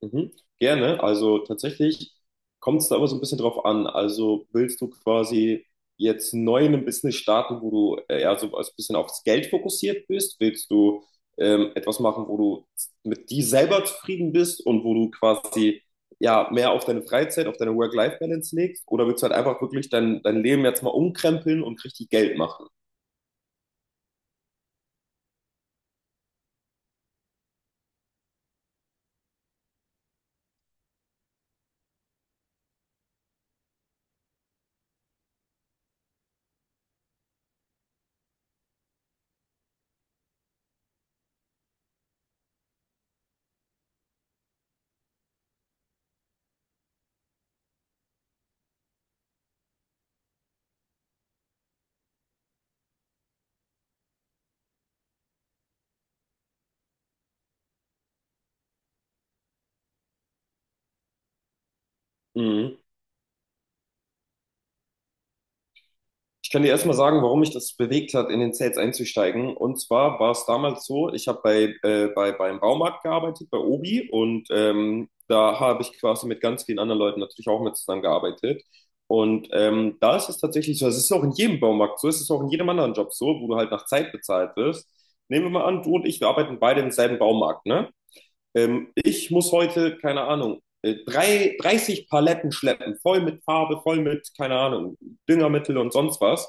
Mhm. Gerne. Also tatsächlich kommt es da immer so ein bisschen drauf an. Also willst du quasi jetzt neu in einem Business starten, wo du eher so ein bisschen aufs Geld fokussiert bist? Willst du etwas machen, wo du mit dir selber zufrieden bist und wo du quasi ja mehr auf deine Freizeit, auf deine Work-Life-Balance legst? Oder willst du halt einfach wirklich dein Leben jetzt mal umkrempeln und richtig Geld machen? Mhm. Ich kann dir erstmal sagen, warum mich das bewegt hat, in den Sales einzusteigen. Und zwar war es damals so, ich habe beim Baumarkt gearbeitet, bei Obi, und da habe ich quasi mit ganz vielen anderen Leuten natürlich auch mit zusammengearbeitet. Und da ist es tatsächlich so, es ist auch in jedem Baumarkt so, es ist auch in jedem anderen Job so, wo du halt nach Zeit bezahlt wirst. Nehmen wir mal an, du und ich, wir arbeiten beide im selben Baumarkt, ne? Ich muss heute, keine Ahnung, 30 Paletten schleppen, voll mit Farbe, voll mit, keine Ahnung, Düngermittel und sonst was.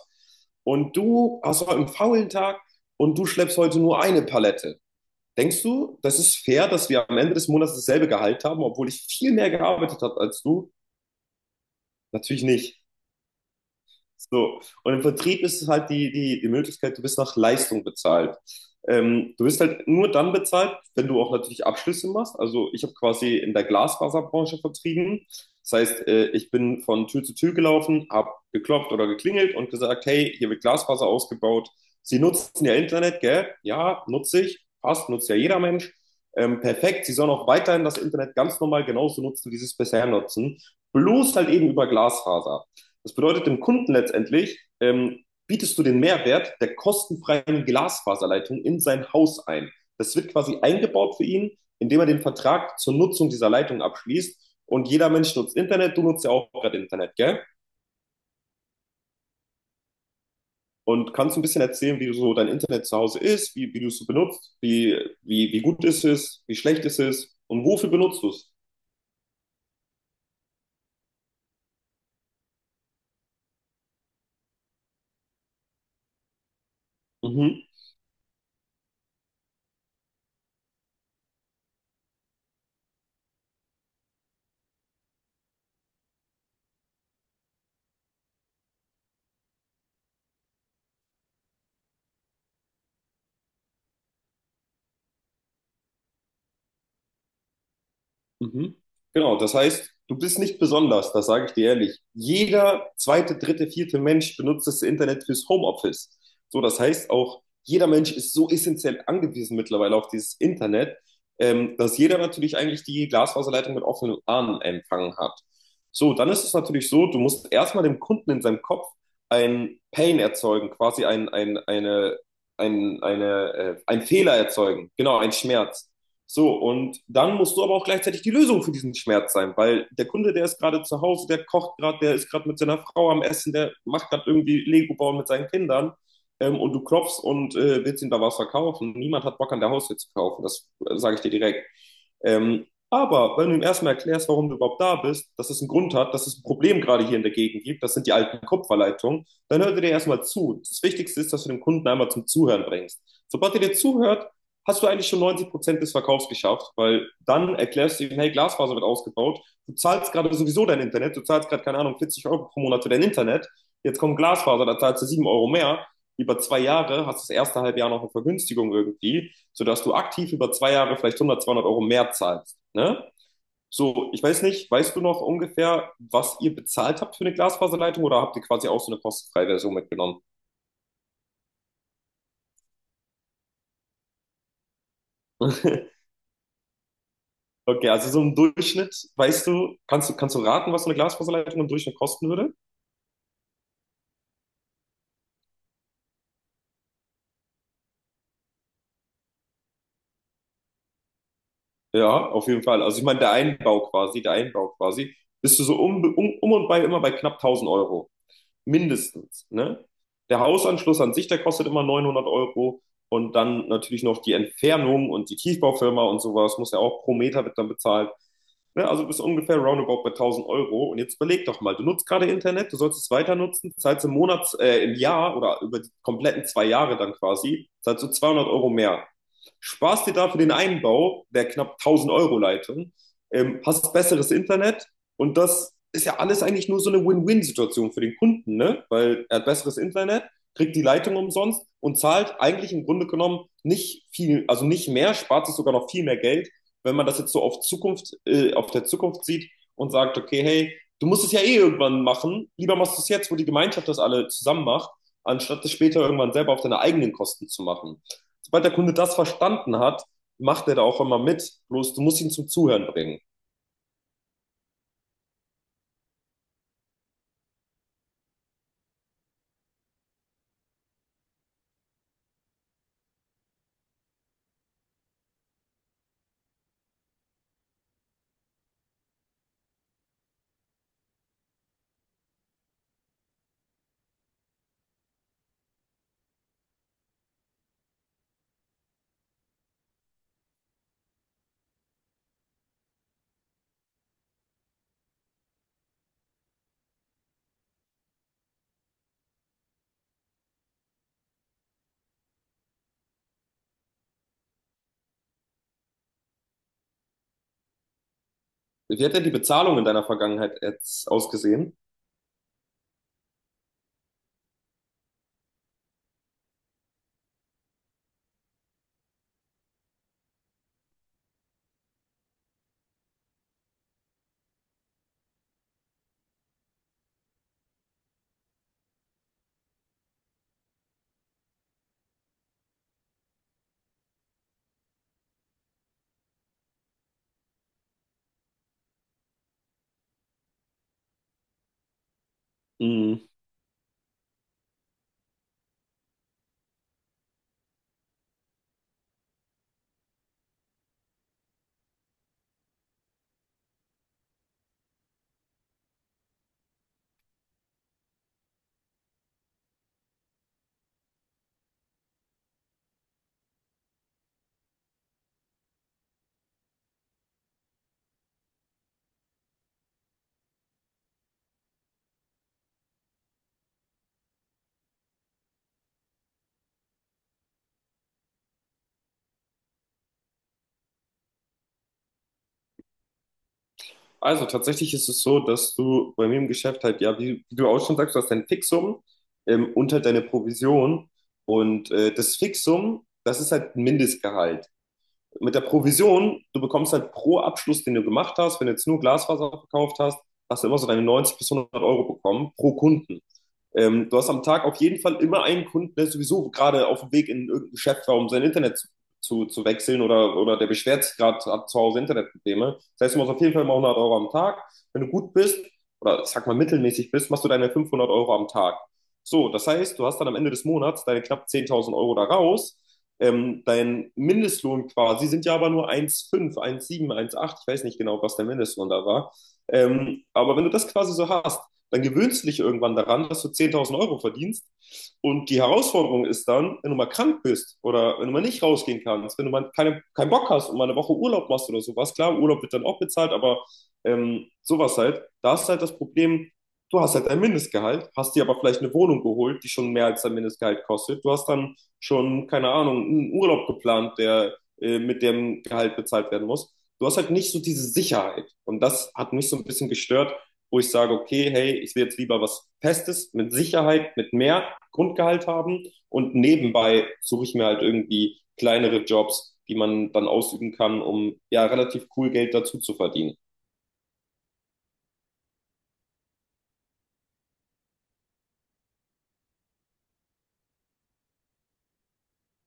Und du hast heute einen faulen Tag und du schleppst heute nur eine Palette. Denkst du, das ist fair, dass wir am Ende des Monats dasselbe Gehalt haben, obwohl ich viel mehr gearbeitet habe als du? Natürlich nicht. So, und im Vertrieb ist es halt die Möglichkeit, du bist nach Leistung bezahlt. Du wirst halt nur dann bezahlt, wenn du auch natürlich Abschlüsse machst. Also ich habe quasi in der Glasfaserbranche vertrieben. Das heißt, ich bin von Tür zu Tür gelaufen, habe geklopft oder geklingelt und gesagt, hey, hier wird Glasfaser ausgebaut. Sie nutzen ja Internet, gell? Ja, nutze ich. Passt, nutzt ja jeder Mensch. Perfekt, Sie sollen auch weiterhin das Internet ganz normal genauso nutzen, wie Sie es bisher nutzen. Bloß halt eben über Glasfaser. Das bedeutet dem Kunden letztendlich, bietest du den Mehrwert der kostenfreien Glasfaserleitung in sein Haus ein. Das wird quasi eingebaut für ihn, indem er den Vertrag zur Nutzung dieser Leitung abschließt. Und jeder Mensch nutzt Internet, du nutzt ja auch gerade Internet, gell? Und kannst ein bisschen erzählen, wie so dein Internet zu Hause ist, wie du es so benutzt, wie gut ist es, wie schlecht ist es und wofür benutzt du es? Mhm. Mhm. Genau, das heißt, du bist nicht besonders, das sage ich dir ehrlich. Jeder zweite, dritte, vierte Mensch benutzt das Internet fürs Homeoffice. So, das heißt auch, jeder Mensch ist so essentiell angewiesen mittlerweile auf dieses Internet, dass jeder natürlich eigentlich die Glasfaserleitung mit offenen Armen empfangen hat. So, dann ist es natürlich so, du musst erstmal dem Kunden in seinem Kopf ein Pain erzeugen, quasi ein Fehler erzeugen, genau, ein Schmerz. So, und dann musst du aber auch gleichzeitig die Lösung für diesen Schmerz sein, weil der Kunde, der ist gerade zu Hause, der kocht gerade, der ist gerade mit seiner Frau am Essen, der macht gerade irgendwie Lego bauen mit seinen Kindern, und du klopfst und willst ihm da was verkaufen. Niemand hat Bock an der Haustür zu kaufen, das sage ich dir direkt. Aber wenn du ihm erstmal erklärst, warum du überhaupt da bist, dass es einen Grund hat, dass es ein Problem gerade hier in der Gegend gibt, das sind die alten Kupferleitungen, dann hört er dir erstmal zu. Das Wichtigste ist, dass du den Kunden einmal zum Zuhören bringst. Sobald er dir zuhört, hast du eigentlich schon 90% des Verkaufs geschafft, weil dann erklärst du ihm, hey, Glasfaser wird ausgebaut, du zahlst gerade sowieso dein Internet, du zahlst gerade, keine Ahnung, 40 Euro pro Monat für dein Internet, jetzt kommt Glasfaser, da zahlst du 7 Euro mehr, über 2 Jahre hast du das erste halbe Jahr noch eine Vergünstigung irgendwie, sodass du aktiv über 2 Jahre vielleicht 100, 200 Euro mehr zahlst, ne? So, ich weiß nicht, weißt du noch ungefähr, was ihr bezahlt habt für eine Glasfaserleitung oder habt ihr quasi auch so eine kostenfreie Version mitgenommen? Okay, also so im Durchschnitt, weißt du, kannst du, kannst du raten, was so eine Glasfaserleitung im Durchschnitt kosten würde? Ja, auf jeden Fall. Also ich meine, der Einbau quasi, bist du so um und bei immer bei knapp 1.000 Euro. Mindestens, ne? Der Hausanschluss an sich, der kostet immer 900 Euro. Und dann natürlich noch die Entfernung und die Tiefbaufirma und sowas muss ja auch pro Meter wird dann bezahlt. Ne, also bist ungefähr roundabout bei 1000 Euro. Und jetzt überleg doch mal, du nutzt gerade Internet, du sollst es weiter nutzen, zahlst im Jahr oder über die kompletten 2 Jahre dann quasi, zahlst du 200 Euro mehr. Sparst dir dafür den Einbau der knapp 1000 Euro Leitung, hast besseres Internet und das ist ja alles eigentlich nur so eine Win-Win-Situation für den Kunden, ne? Weil er hat besseres Internet, kriegt die Leitung umsonst und zahlt eigentlich im Grunde genommen nicht viel, also nicht mehr, spart sich sogar noch viel mehr Geld, wenn man das jetzt so auf der Zukunft sieht und sagt, okay, hey, du musst es ja eh irgendwann machen, lieber machst du es jetzt, wo die Gemeinschaft das alle zusammen macht, anstatt es später irgendwann selber auf deine eigenen Kosten zu machen. Sobald der Kunde das verstanden hat, macht er da auch immer mit. Bloß du musst ihn zum Zuhören bringen. Wie hat denn die Bezahlung in deiner Vergangenheit jetzt ausgesehen? Mhm. Also tatsächlich ist es so, dass du bei mir im Geschäft halt, ja, wie du auch schon sagst, du hast dein Fixum, und halt deine Provision. Und das Fixum, das ist halt ein Mindestgehalt. Mit der Provision, du bekommst halt pro Abschluss, den du gemacht hast, wenn du jetzt nur Glasfaser verkauft hast, hast du immer so deine 90 bis 100 Euro bekommen pro Kunden. Du hast am Tag auf jeden Fall immer einen Kunden, der sowieso gerade auf dem Weg in irgendein Geschäft war, um sein Internet zu wechseln oder der beschwert sich gerade, hat zu Hause Internetprobleme. Das heißt, du machst auf jeden Fall mal 100 Euro am Tag. Wenn du gut bist oder ich sag mal mittelmäßig bist, machst du deine 500 Euro am Tag. So, das heißt, du hast dann am Ende des Monats deine knapp 10.000 Euro da raus. Dein Mindestlohn quasi sind ja aber nur 1,5, 1,7, 1,8. Ich weiß nicht genau, was der Mindestlohn da war. Aber wenn du das quasi so hast, dann gewöhnst du dich irgendwann daran, dass du 10.000 Euro verdienst. Und die Herausforderung ist dann, wenn du mal krank bist oder wenn du mal nicht rausgehen kannst, wenn du mal keinen Bock hast und mal eine Woche Urlaub machst oder sowas. Klar, Urlaub wird dann auch bezahlt, aber sowas halt. Da ist halt das Problem, du hast halt ein Mindestgehalt, hast dir aber vielleicht eine Wohnung geholt, die schon mehr als dein Mindestgehalt kostet. Du hast dann schon, keine Ahnung, einen Urlaub geplant, der mit dem Gehalt bezahlt werden muss. Du hast halt nicht so diese Sicherheit. Und das hat mich so ein bisschen gestört, wo ich sage, okay, hey, ich will jetzt lieber was Festes, mit Sicherheit, mit mehr Grundgehalt haben und nebenbei suche ich mir halt irgendwie kleinere Jobs, die man dann ausüben kann, um ja relativ cool Geld dazu zu verdienen.